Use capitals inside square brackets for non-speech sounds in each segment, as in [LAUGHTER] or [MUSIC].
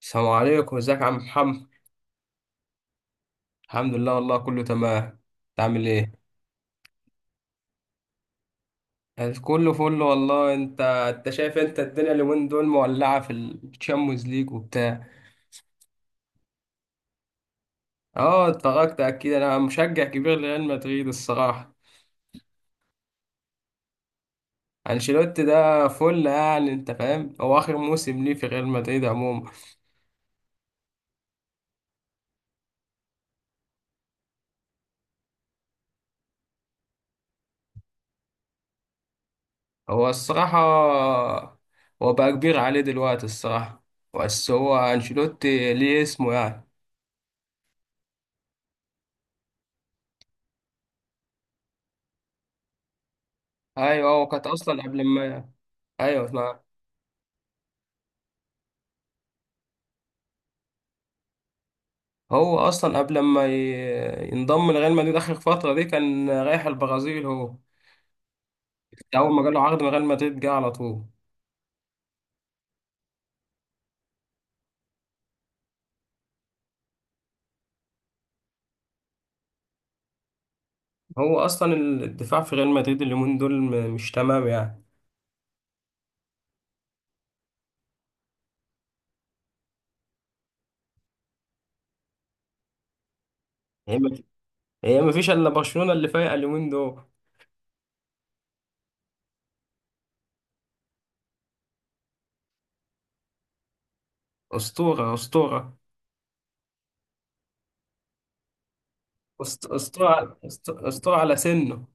السلام عليكم، ازيك يا عم محمد؟ الحمد لله، والله كله تمام. انت عامل ايه؟ أنا كله فل والله. انت شايف، انت الدنيا اليومين دول مولعه في الشامبيونز ليج وبتاع. اه، اتفرجت اكيد، انا مشجع كبير لريال مدريد الصراحه. انشيلوتي ده فل، يعني انت فاهم هو اخر موسم ليه في ريال مدريد عموما. هو الصراحه هو بقى كبير عليه دلوقتي الصراحه. بس هو انشيلوتي ليه اسمه يعني. ايوه، هو كانت اصلا قبل ما. ايوه، هو اصلا قبل ما ينضم لريال مدريد، اخر فتره دي كان رايح البرازيل هو. اول ما جاله عقد من ريال مدريد جه على طول. هو اصلا الدفاع في ريال مدريد اليومين دول مش تمام يعني. هي ما هي ما فيش الا برشلونه اللي فايقه اليومين دول. اسطوره، اسطوره. اسطوره، اسطوره على سنه.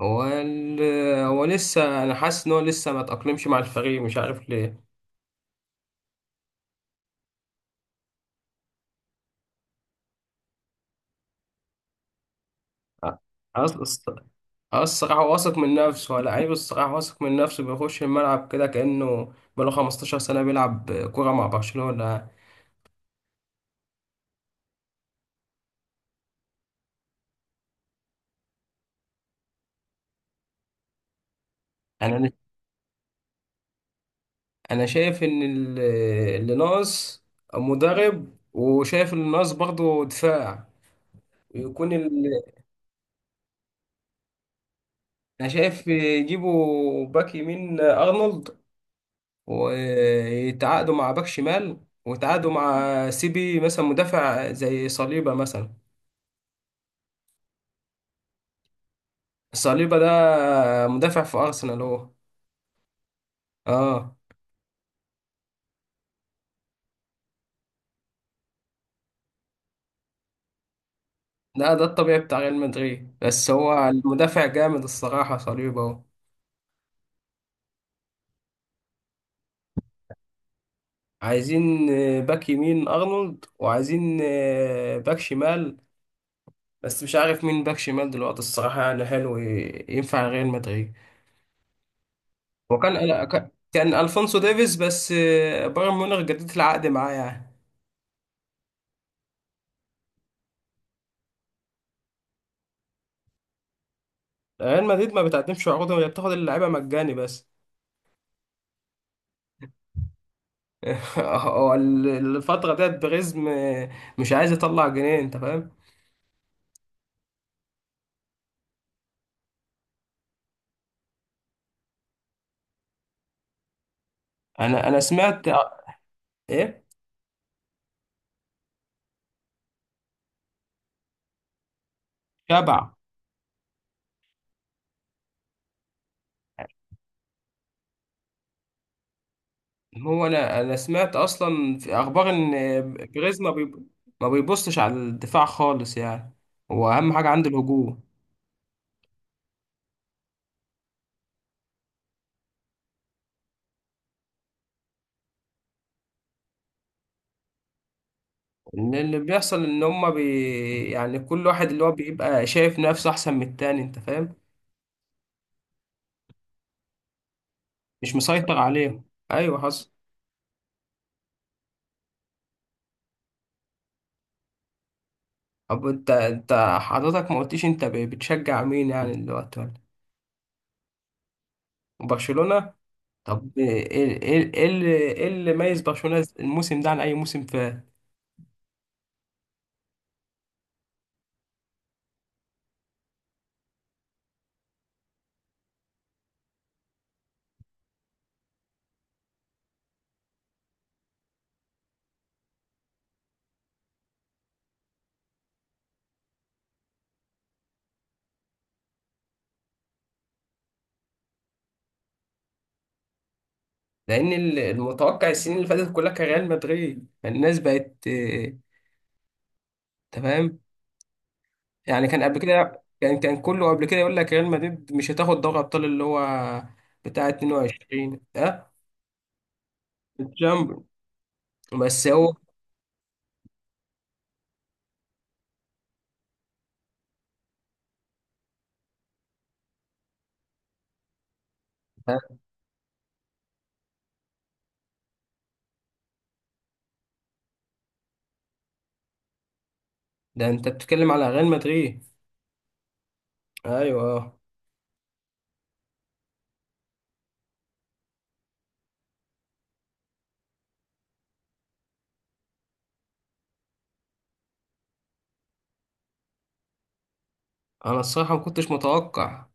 هو ال... هو لسه، انا حاسس ان هو لسه ما تاقلمش مع الفريق، مش عارف ليه. أص- اه، الصراحة واثق من نفسه، لعيب، الصراحة واثق من نفسه، بيخش الملعب كده كأنه بقاله 15 سنة بيلعب كورة مع برشلونة. أنا أنا شايف إن اللي ناقص مدرب، وشايف اللي ناقص برضه دفاع. يكون ال... أنا شايف يجيبوا باك يمين أرنولد، ويتعاقدوا مع باك شمال، ويتعاقدوا مع سيبي مثلا، مدافع زي صليبة مثلا. صليبة ده مدافع في أرسنال هو. اه. لا، ده الطبيعي بتاع ريال مدريد، بس هو المدافع جامد الصراحة، صليبا اهو. عايزين باك يمين أرنولد، وعايزين باك شمال. بس مش عارف مين باك شمال دلوقتي الصراحة، يعني حلو ينفع ريال مدريد. وكان كان كان ألفونسو ديفيز، بس بايرن ميونخ جددت العقد معاه يعني. ريال مدريد ما بتقدمش عروض، هي بتاخد اللعيبة مجاني بس. [LAUGHS] هو ال- الفترة ديت بريزم مش عايز يطلع جنيه، انت فاهم. انا سمعت ايه. تبع. هو انا سمعت اصلا في اخبار ان بريز ما بيبصش على الدفاع خالص يعني. هو اهم حاجه عنده الهجوم. ان اللي بيحصل ان يعني كل واحد اللي هو بيبقى شايف نفسه احسن من التاني، انت فاهم. مش مسيطر عليهم، ايوه حصل. طب انت حضرتك ما قلتيش انت بتشجع مين يعني دلوقتي ولا. برشلونه. طب ايه ايه إيه، اللي ايه اللي ميز برشلونه الموسم ده عن اي موسم في. لان المتوقع السنين اللي فاتت كلها كان ريال مدريد، فالناس بقت تمام. يعني كان قبل كده، كان كله قبل كده يقول لك ريال مدريد مش هتاخد دوري ابطال اللي هو بتاع 22، اه، الشامبيون. بس هو. ده ده انت بتتكلم على ريال مدريد. ايوه آه. انا الصراحه ما كنتش متوقع.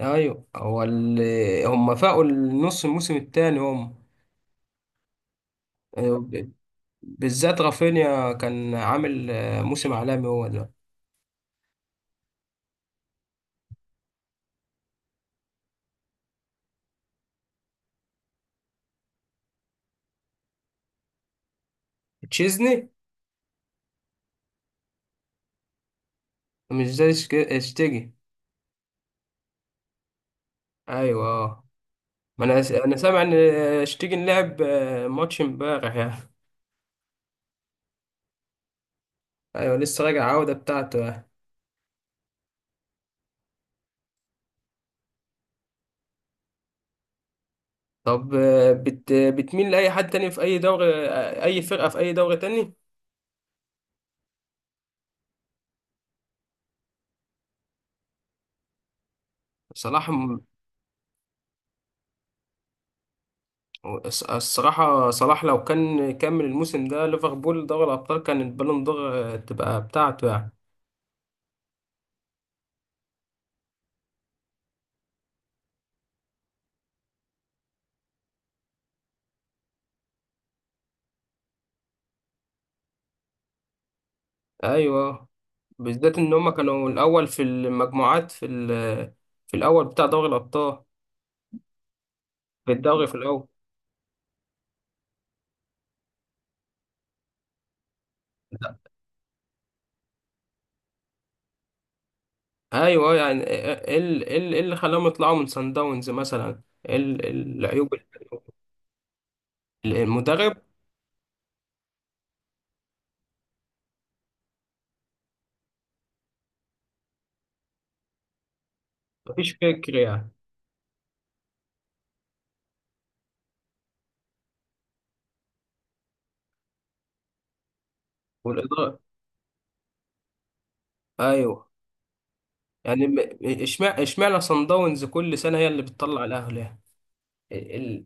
ايوه، هم فاقوا النص الموسم الثاني هم. آه، ب- بالذات رافينيا كان عامل موسم عالمي هو ده. تشيزني. مش زي اشتيجي. ايوه اه. ما انا سامع ان اشتيجي لعب ماتش امبارح يعني. ايوه لسه راجع عودة بتاعته يعني. طب بتميل لاي حد تاني في اي دوري، اي فرقة في اي دوري تاني. صلاح الصراحة صلاح لو كان كمل الموسم ده ليفربول دوري الابطال، كان البالون دور تبقى بتاعته يعني. ايوه آه. بالذات ان هما كانوا الاول في المجموعات في الاول بتاع دوري الابطال. في الدوري في الاول. ايوه. أيوه، يعني ايه إيه، إيه ال- إيه ال- إيه اللي خلاهم يطلعوا من سان داونز مثلا. إيه العيوب المدرب. مفيش فكر يعني. والاداره. ايوه، يعني اشمعنى سان داونز كل سنه هي اللي بتطلع الاهلي يعني. ال... ال-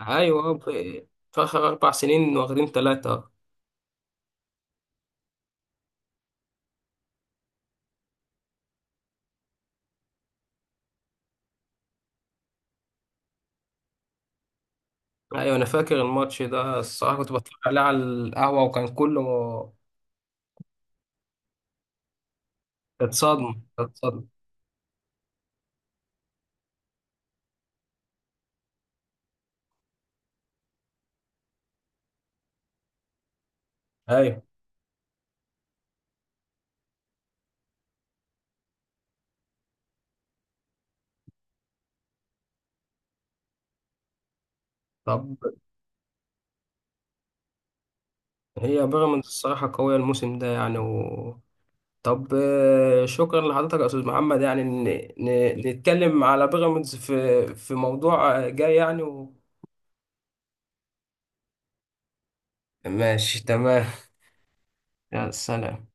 ايوه في اخر 4 سنين واخدين ثلاثه. ايوه انا فاكر الماتش ده الصراحه، كنت بتفرج عليه على القهوه، وكان كله. كانت صدمه، كانت صدمه. ايوه. طب هي بيراميدز الصراحه قويه الموسم ده يعني. طب شكرا لحضرتك يا استاذ محمد. يعني نتكلم على بيراميدز في موضوع جاي يعني ماشي تمام. يا سلام.